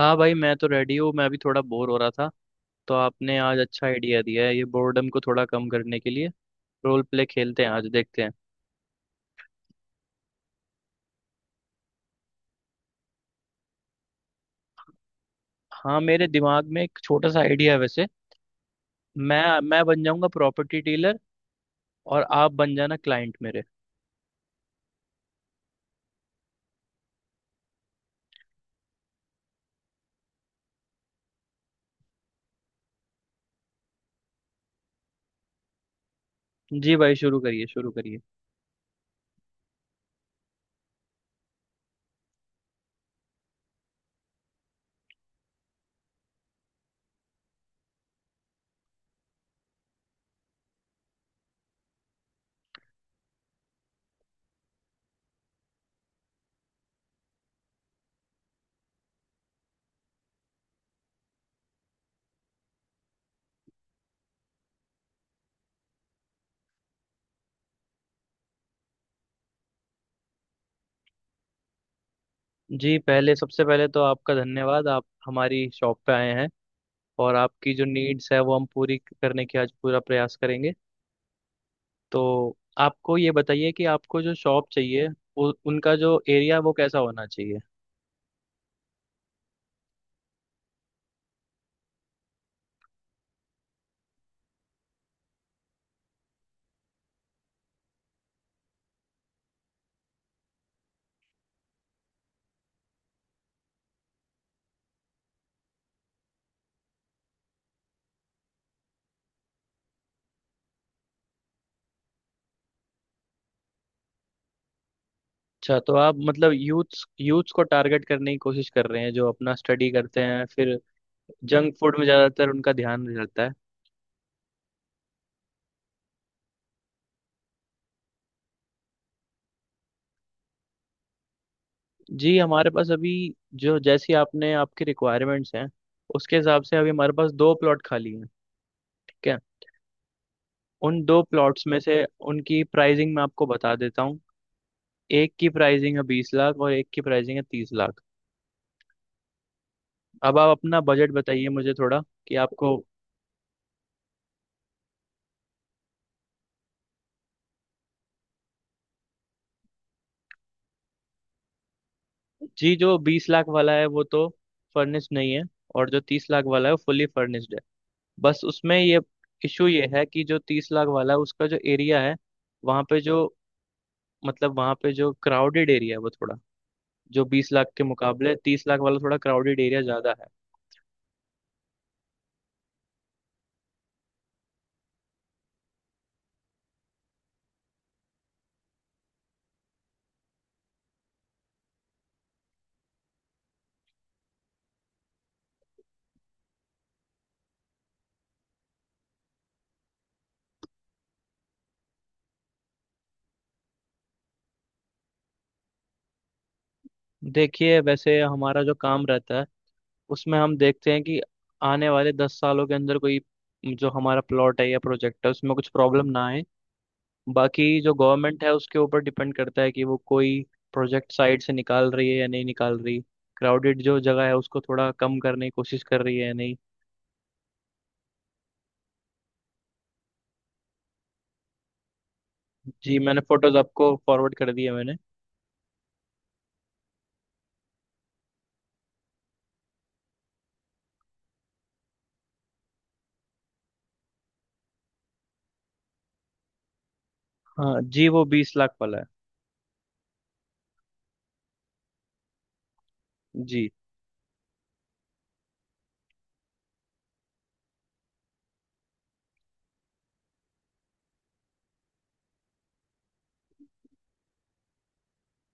हाँ भाई मैं तो रेडी हूँ। मैं भी थोड़ा बोर हो रहा था तो आपने आज अच्छा आइडिया दिया है ये बोर्डम को थोड़ा कम करने के लिए। रोल प्ले खेलते हैं आज देखते हैं। हाँ मेरे दिमाग में एक छोटा सा आइडिया है वैसे। मैं बन जाऊंगा प्रॉपर्टी डीलर और आप बन जाना क्लाइंट मेरे। जी भाई शुरू करिए शुरू करिए। जी पहले सबसे पहले तो आपका धन्यवाद, आप हमारी शॉप पे आए हैं। और आपकी जो नीड्स है वो हम पूरी करने की आज पूरा प्रयास करेंगे। तो आपको ये बताइए कि आपको जो शॉप चाहिए, उनका जो एरिया वो कैसा होना चाहिए। अच्छा तो आप मतलब यूथ्स यूथ्स को टारगेट करने की कोशिश कर रहे हैं जो अपना स्टडी करते हैं फिर। जंक फूड में ज़्यादातर उनका ध्यान रहता है। जी हमारे पास अभी जो जैसी आपने आपकी रिक्वायरमेंट्स हैं उसके हिसाब से अभी हमारे पास दो प्लॉट खाली हैं। ठीक है। उन दो प्लॉट्स में से उनकी प्राइसिंग मैं आपको बता देता हूँ। एक की प्राइसिंग है 20 लाख और एक की प्राइसिंग है 30 लाख। अब आप अपना बजट बताइए मुझे थोड़ा कि आपको। जी जो बीस लाख वाला है वो तो फर्निश्ड नहीं है। और जो तीस लाख वाला है वो फुली फर्निश्ड है। बस उसमें ये इशू ये है कि जो तीस लाख वाला है उसका जो एरिया है, वहाँ पे जो मतलब वहाँ पे जो क्राउडेड एरिया है वो थोड़ा, जो बीस लाख के मुकाबले तीस लाख वाला थोड़ा क्राउडेड एरिया ज़्यादा है। देखिए वैसे हमारा जो काम रहता है उसमें हम देखते हैं कि आने वाले 10 सालों के अंदर कोई जो हमारा प्लॉट है या प्रोजेक्ट है उसमें कुछ प्रॉब्लम ना आए। बाकी जो गवर्नमेंट है उसके ऊपर डिपेंड करता है कि वो कोई प्रोजेक्ट साइड से निकाल रही है या नहीं निकाल रही। क्राउडेड जो जगह है उसको थोड़ा कम करने की कोशिश कर रही है या नहीं। जी मैंने फोटोज आपको फॉरवर्ड कर दिए मैंने। हाँ जी, वो बीस लाख वाला है। जी।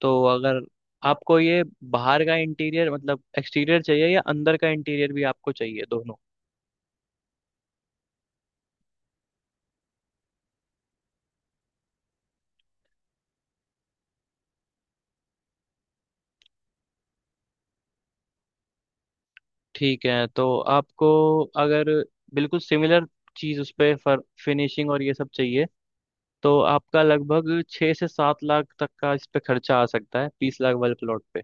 तो अगर आपको ये बाहर का इंटीरियर मतलब एक्सटीरियर चाहिए या अंदर का इंटीरियर भी आपको चाहिए, दोनों? ठीक है, तो आपको अगर बिल्कुल सिमिलर चीज़ उस पे फर फिनिशिंग और ये सब चाहिए तो आपका लगभग 6 से 7 लाख तक का इस पे खर्चा आ सकता है बीस लाख वाले प्लॉट पे।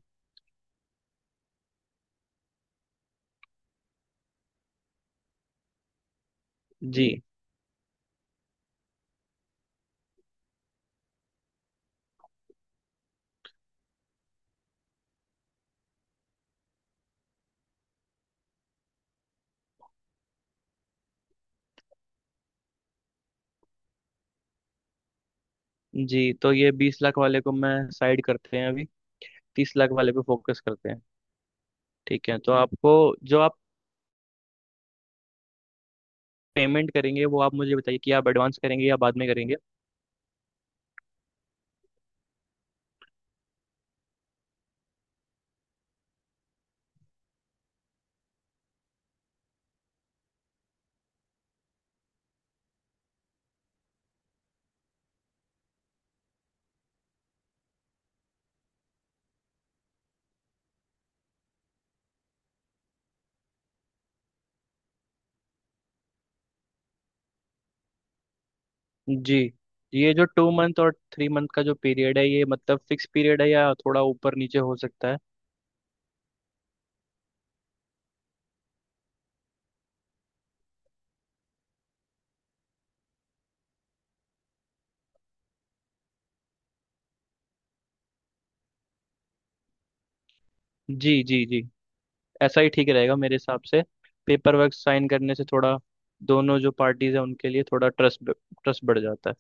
जी जी। तो ये बीस लाख वाले को मैं साइड करते हैं अभी, तीस लाख वाले पे फोकस करते हैं। ठीक है तो आपको जो आप पेमेंट करेंगे वो आप मुझे बताइए कि आप एडवांस करेंगे या बाद में करेंगे। जी ये जो टू मंथ और थ्री मंथ का जो पीरियड है ये मतलब फिक्स पीरियड है या थोड़ा ऊपर नीचे हो सकता है? जी जी जी, ऐसा ही ठीक रहेगा मेरे हिसाब से। पेपर वर्क साइन करने से थोड़ा दोनों जो पार्टीज हैं उनके लिए थोड़ा ट्रस्ट ट्रस्ट बढ़ जाता है।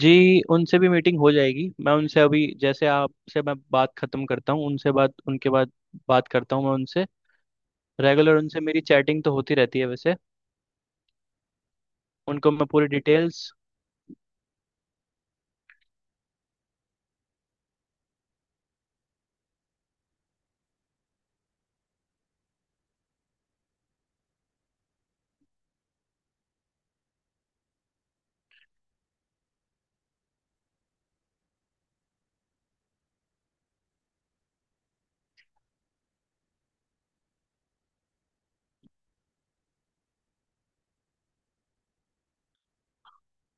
जी उनसे भी मीटिंग हो जाएगी, मैं उनसे अभी जैसे आपसे मैं बात खत्म करता हूँ उनसे बात उनके बाद बात करता हूँ मैं उनसे। रेगुलर उनसे मेरी चैटिंग तो होती रहती है वैसे। उनको मैं पूरी डिटेल्स।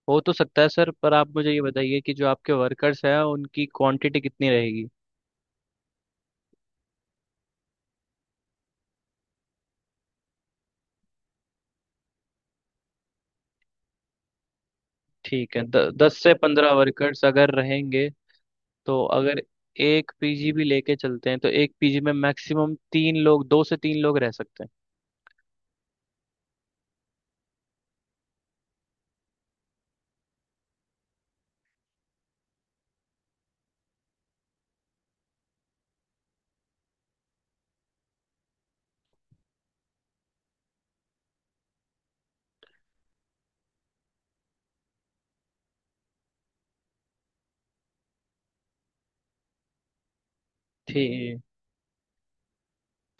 हो तो सकता है सर, पर आप मुझे ये बताइए कि जो आपके वर्कर्स हैं उनकी क्वांटिटी कितनी रहेगी। ठीक है 10 से 15 वर्कर्स अगर रहेंगे तो अगर एक पीजी भी लेके चलते हैं तो एक पीजी में मैक्सिमम तीन लोग, दो से तीन लोग रह सकते हैं। ठीक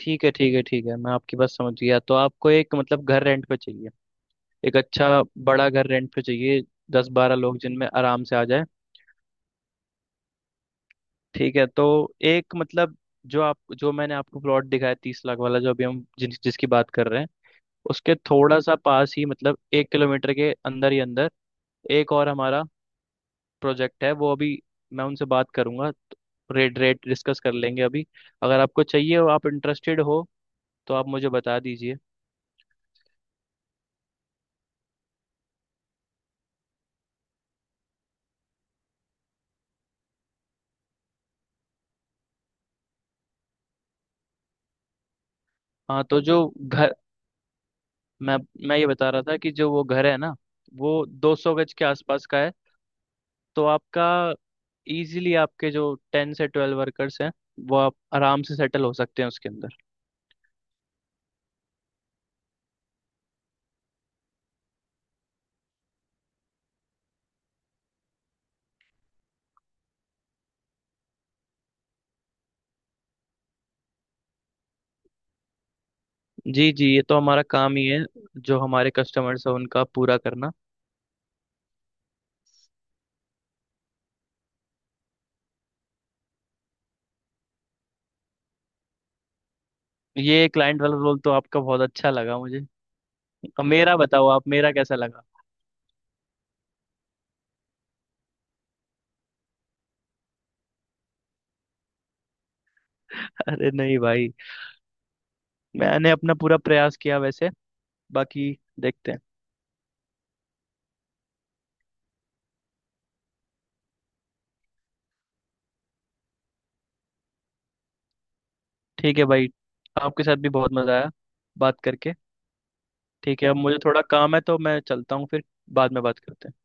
ठीक है, ठीक है, ठीक है, मैं आपकी बात समझ गया। तो आपको एक मतलब घर रेंट पे चाहिए, एक अच्छा बड़ा घर रेंट पे चाहिए दस बारह लोग जिनमें आराम से आ जाए। ठीक है तो एक मतलब जो आप, जो मैंने आपको प्लॉट दिखाया तीस लाख वाला, जो अभी हम जिसकी बात कर रहे हैं, उसके थोड़ा सा पास ही मतलब 1 किलोमीटर के अंदर ही अंदर एक और हमारा प्रोजेक्ट है वो अभी। मैं उनसे बात करूंगा, रेट रेट डिस्कस कर लेंगे अभी। अगर आपको चाहिए और आप इंटरेस्टेड हो तो आप मुझे बता दीजिए। हाँ तो जो घर, मैं मैं ये बता रहा था कि जो वो घर है ना वो 200 गज के आसपास का है। तो आपका इजीली आपके जो 10 से 12 वर्कर्स हैं वो आप आराम से सेटल हो सकते हैं उसके अंदर। जी जी, ये तो हमारा काम ही है जो हमारे कस्टमर्स हैं उनका पूरा करना। ये क्लाइंट वाला रोल तो आपका बहुत अच्छा लगा मुझे। अब मेरा बताओ आप, मेरा कैसा लगा? अरे नहीं भाई, मैंने अपना पूरा प्रयास किया वैसे, बाकी देखते हैं। ठीक है भाई, आपके साथ भी बहुत मजा आया बात करके। ठीक है, अब मुझे थोड़ा काम है तो मैं चलता हूँ फिर। बाद में बात करते हैं।